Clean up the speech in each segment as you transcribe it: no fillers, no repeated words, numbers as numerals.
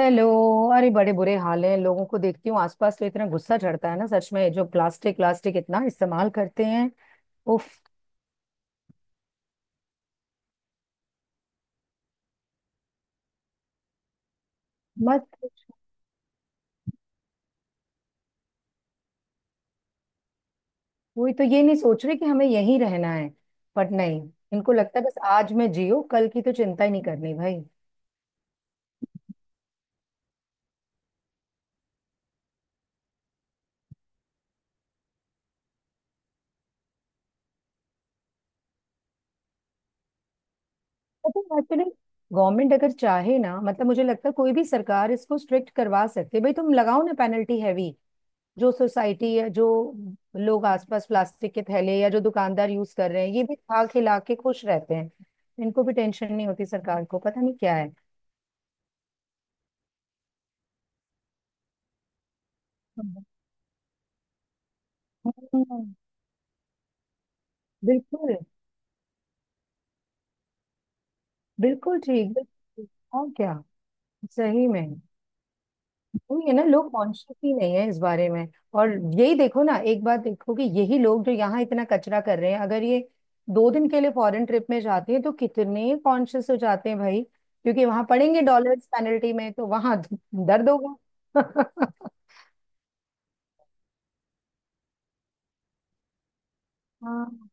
Hello. अरे बड़े बुरे हाल हैं, लोगों को देखती हूँ आसपास तो इतना गुस्सा चढ़ता है ना। सच में जो प्लास्टिक प्लास्टिक इतना इस्तेमाल करते हैं। उफ, मत पूछ। कोई तो ये नहीं सोच रहे कि हमें यहीं रहना है, बट नहीं। इनको लगता है बस आज में जियो, कल की तो चिंता ही नहीं करनी भाई। पता एक्चुअली, गवर्नमेंट अगर चाहे ना, मतलब मुझे लगता है कोई भी सरकार इसको स्ट्रिक्ट करवा सकती है भाई। तुम लगाओ ना पेनल्टी हैवी। जो सोसाइटी है, जो लोग आसपास प्लास्टिक के थैले या जो दुकानदार यूज कर रहे हैं, ये भी खा खिला के खुश रहते हैं। इनको भी टेंशन नहीं होती, सरकार को पता नहीं क्या है। हम्म, बिल्कुल बिल्कुल ठीक बिल्कुल ठीक। और क्या, सही में। वही है ना, लोग कॉन्शियस ही नहीं है इस बारे में। और यही देखो ना, एक बात देखो कि यही लोग जो यहाँ इतना कचरा कर रहे हैं, अगर ये दो दिन के लिए फॉरेन ट्रिप में जाते हैं तो कितने कॉन्शियस हो जाते हैं भाई। क्योंकि वहां पड़ेंगे डॉलर्स पेनल्टी में, तो वहां दर्द होगा। हाँ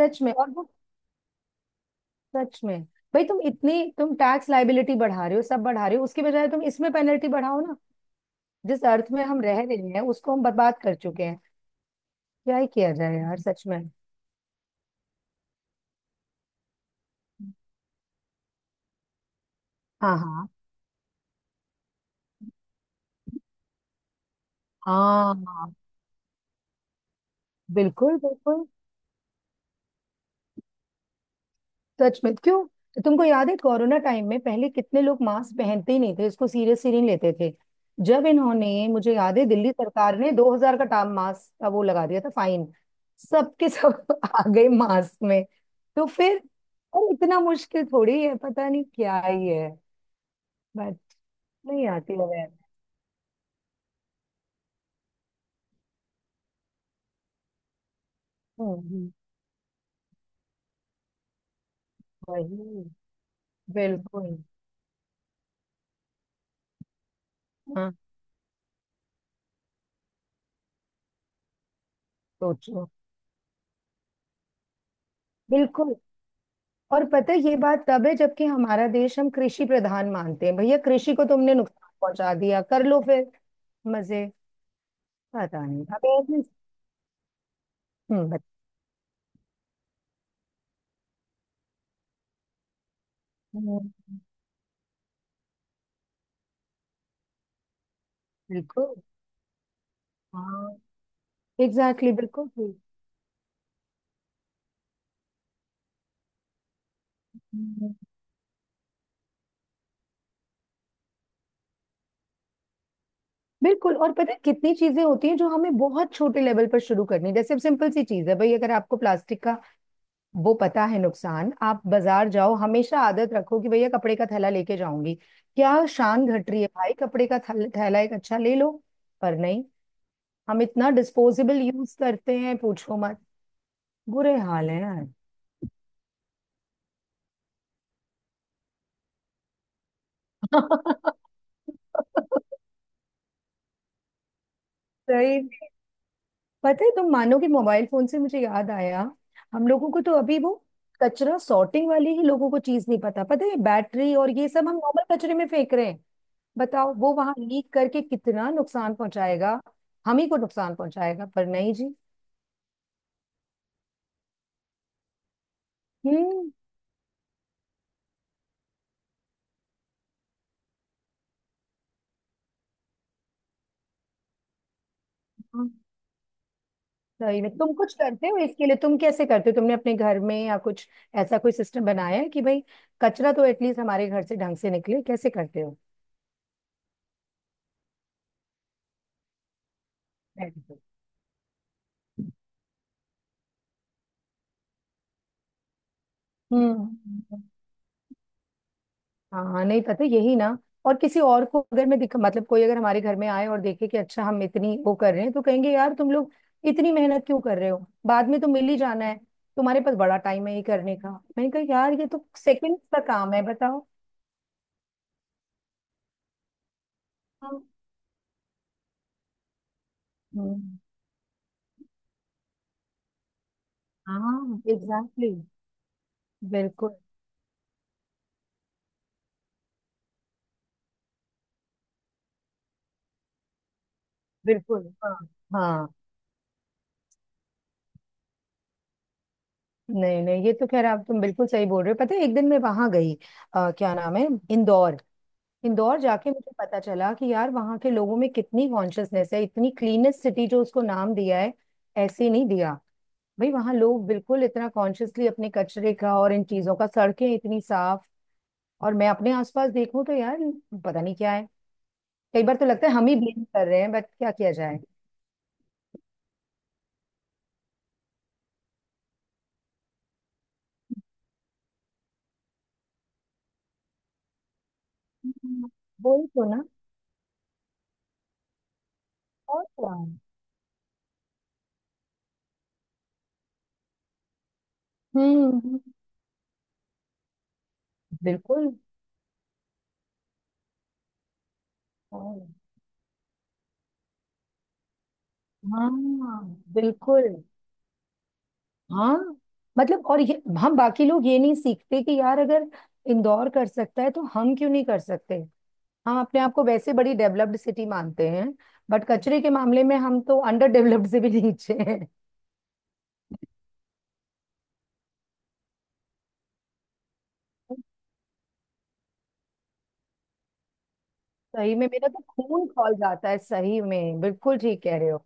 सच में। और वो सच में, भाई तुम इतनी तुम टैक्स लाइबिलिटी बढ़ा रहे हो, सब बढ़ा रहे हो, उसके बजाय तुम इसमें पेनल्टी बढ़ाओ ना। जिस अर्थ में हम रह रहे हैं उसको हम बर्बाद कर चुके हैं। क्या ही किया जाए यार, सच में। हाँ हाँ हाँ बिल्कुल बिल्कुल। सच में क्यों, तुमको याद है कोरोना टाइम में पहले कितने लोग मास्क पहनते ही नहीं थे, इसको सीरियस ही नहीं लेते थे। जब इन्होंने, मुझे याद है, दिल्ली सरकार ने 2000 का टाम मास्क का वो लगा दिया था फाइन, सबके सब आ गए मास्क में। तो फिर अरे इतना मुश्किल थोड़ी है, पता नहीं क्या ही है। बट नहीं आती अवेयर। हम्म हम्म, वही। बिल्कुल। हाँ सोचो। बिल्कुल। और पता है ये बात तब है जबकि हमारा देश हम कृषि प्रधान मानते हैं। भैया कृषि को तुमने नुकसान पहुंचा दिया, कर लो फिर मजे। पता नहीं हम्म बत- हम्म, बिल्कुल। हाँ एग्जैक्टली बिल्कुल ठीक। हम्म, बिल्कुल। और पता है कितनी चीजें होती हैं जो हमें बहुत छोटे लेवल पर शुरू करनी, जैसे अब सिंपल सी चीज है भाई, अगर आपको प्लास्टिक का वो पता है नुकसान, आप बाजार जाओ हमेशा आदत रखो कि भैया कपड़े का थैला लेके जाऊंगी। क्या शान घट रही है भाई, कपड़े का थैला एक अच्छा ले लो। पर नहीं, हम इतना डिस्पोजेबल यूज करते हैं पूछो मत। बुरे हाल है यार। सही में। पता है तुम मानोगे, मोबाइल फोन से मुझे याद आया, हम लोगों को तो अभी वो कचरा सॉर्टिंग वाली ही लोगों को चीज नहीं पता। पता है बैटरी और ये सब हम नॉर्मल कचरे में फेंक रहे हैं। बताओ वो वहां लीक करके कितना नुकसान पहुंचाएगा, हम ही को नुकसान पहुंचाएगा, पर नहीं जी। हम्म। दही में तुम कुछ करते हो इसके लिए? तुम कैसे करते हो, तुमने अपने घर में या कुछ ऐसा कोई सिस्टम बनाया है कि भाई कचरा तो एटलीस्ट हमारे घर से ढंग से निकले? कैसे करते हो? हम्म। हाँ नहीं पता यही ना। और किसी और को अगर मैं दिख, मतलब कोई अगर हमारे घर में आए और देखे कि अच्छा हम इतनी वो कर रहे हैं तो कहेंगे यार तुम लोग इतनी मेहनत क्यों कर रहे हो, बाद में तो मिल ही जाना है, तुम्हारे पास बड़ा टाइम है ये करने का। मैंने कहा यार ये तो सेकंड का काम है, बताओ। हाँ हम्म हाँ एग्जैक्टली बिल्कुल बिल्कुल। हाँ हाँ नहीं नहीं, ये तो खैर आप तुम बिल्कुल सही बोल रहे हो। पता है एक दिन मैं वहां गई, क्या नाम है, इंदौर। इंदौर जाके मुझे पता चला कि यार वहां के लोगों में कितनी कॉन्शियसनेस है, इतनी क्लीनेस्ट सिटी जो उसको नाम दिया है, ऐसे नहीं दिया। भाई वहां लोग बिल्कुल इतना कॉन्शियसली अपने कचरे का और इन चीजों का, सड़कें इतनी साफ। और मैं अपने आसपास देखूं तो यार पता नहीं क्या है। कई बार तो लगता है हम ही ब्लेम कर रहे हैं, बट क्या किया जाए। हम्म, वही तो ना। और क्या। हम्म बिल्कुल। ओह, हाँ बिल्कुल हाँ। मतलब और ये हम बाकी लोग ये नहीं सीखते कि यार अगर इंदौर कर सकता है तो हम क्यों नहीं कर सकते। हम अपने आप को वैसे बड़ी डेवलप्ड सिटी मानते हैं, बट कचरे के मामले में हम तो अंडर डेवलप्ड से भी नीचे हैं। सही में मेरा तो खून खौल जाता है, सही में बिल्कुल ठीक कह रहे हो।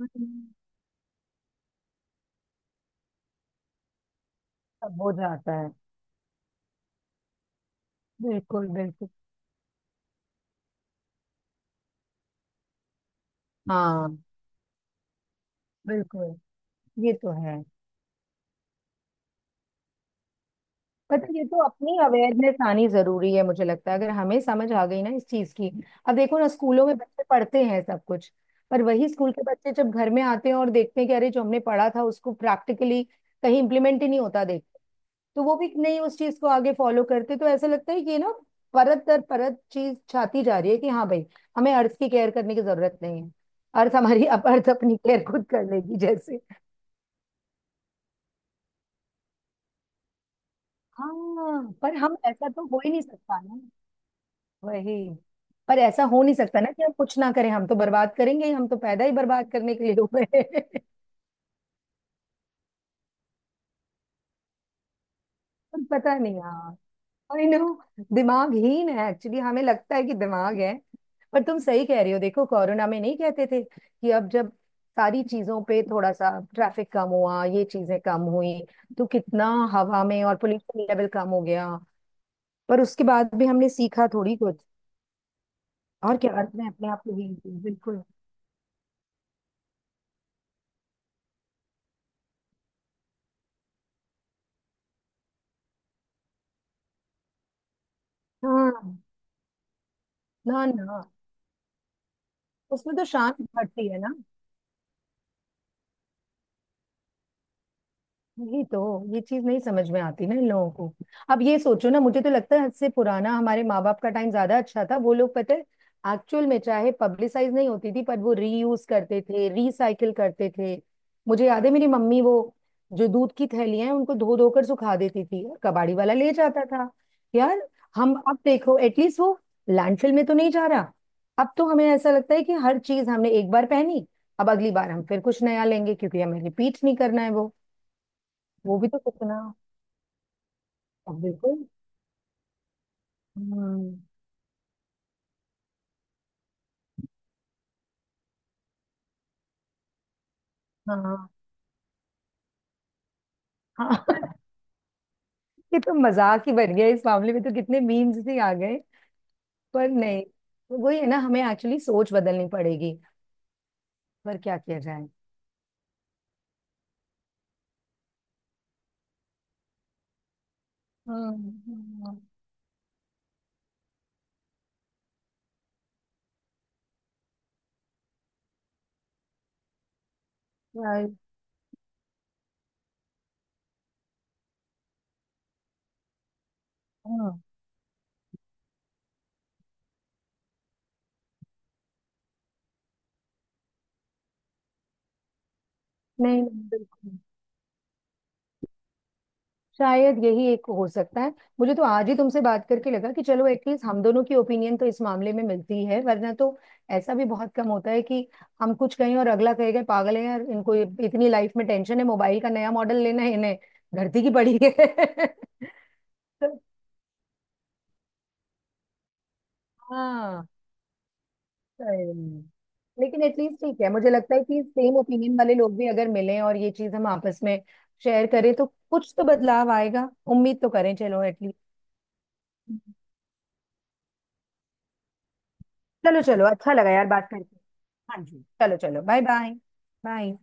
हम्म, सब हो जाता है। बिल्कुल बिल्कुल। हाँ बिल्कुल ये तो है। पता है, ये तो अपनी अवेयरनेस आनी जरूरी है, मुझे लगता है अगर हमें समझ आ गई ना इस चीज की। अब देखो ना, स्कूलों में बच्चे पढ़ते हैं सब कुछ, पर वही स्कूल के बच्चे जब घर में आते हैं और देखते हैं कि अरे जो हमने पढ़ा था उसको प्रैक्टिकली कहीं इम्प्लीमेंट ही नहीं होता देख, तो वो भी नहीं उस चीज को आगे फॉलो करते। तो ऐसा लगता है कि ये ना परत दर परत चीज छाती जा रही है कि हाँ भाई हमें अर्थ की केयर करने की जरूरत नहीं है। अर्थ हमारी अब अर्थ अपनी केयर खुद कर लेगी जैसे। हाँ पर हम ऐसा तो हो ही नहीं सकता ना। वही। पर ऐसा हो नहीं सकता ना कि हम कुछ ना करें, हम तो बर्बाद करेंगे ही। हम तो पैदा ही बर्बाद करने के लिए हुए हैं। पर पता नहीं यार, आई नो दिमाग हीन है एक्चुअली, हमें लगता है कि दिमाग है। पर तुम सही कह रही हो, देखो कोरोना में नहीं कहते थे कि अब जब सारी चीजों पे थोड़ा सा ट्रैफिक कम हुआ, ये चीजें कम हुई, तो कितना हवा में और पोल्यूशन लेवल कम हो गया। पर उसके बाद भी हमने सीखा थोड़ी कुछ। और क्या, अर्थ में अपने आप को भी। बिल्कुल हाँ। ना ना, उसमें तो शांत घटती है ना। वही तो, ये चीज नहीं समझ में आती ना इन लोगों को। अब ये सोचो ना, मुझे तो लगता है हद से पुराना हमारे माँ बाप का टाइम ज्यादा अच्छा था। वो लोग पता है एक्चुअल में, चाहे पब्लिसाइज नहीं होती थी, पर वो रीयूज करते थे, रिसाइकिल करते थे। मुझे याद है मेरी मम्मी वो जो दूध की थैलियां हैं उनको धो धोकर सुखा देती थी, कबाड़ी वाला ले जाता था यार। हम अब देखो एटलीस्ट वो लैंडफिल में तो नहीं जा रहा। अब तो हमें ऐसा लगता है कि हर चीज हमने एक बार पहनी, अब अगली बार हम फिर कुछ नया लेंगे क्योंकि हमें रिपीट नहीं करना है वो। वो भी तो कितना। हाँ, बिल्कुल। हम्म, हाँ हाँ। ये तो मजाक ही बन गया, इस मामले में तो कितने मीम्स ही आ गए। पर नहीं तो वही है ना, हमें एक्चुअली सोच बदलनी पड़ेगी। पर क्या किया जाए। हम्म हम्म, right, हाँ, नहीं नहीं, बिल्कुल। शायद यही एक हो सकता है। मुझे तो आज ही तुमसे बात करके लगा कि चलो एटलीस्ट हम दोनों की ओपिनियन तो इस मामले में मिलती है, वरना तो ऐसा भी बहुत कम होता है कि हम कुछ कहें और अगला कहेगा पागल है यार इनको, इतनी लाइफ में टेंशन है मोबाइल का नया मॉडल लेना है इन्हें, धरती की पड़ी है। तो हाँ सही में। लेकिन एटलीस्ट ठीक है, मुझे लगता है कि सेम ओपिनियन वाले लोग भी अगर मिलें और ये चीज हम आपस में शेयर करें तो कुछ तो बदलाव आएगा, उम्मीद तो करें चलो एटलीस्ट। चलो चलो अच्छा लगा यार बात करके। हाँ जी चलो चलो बाय बाय बाय।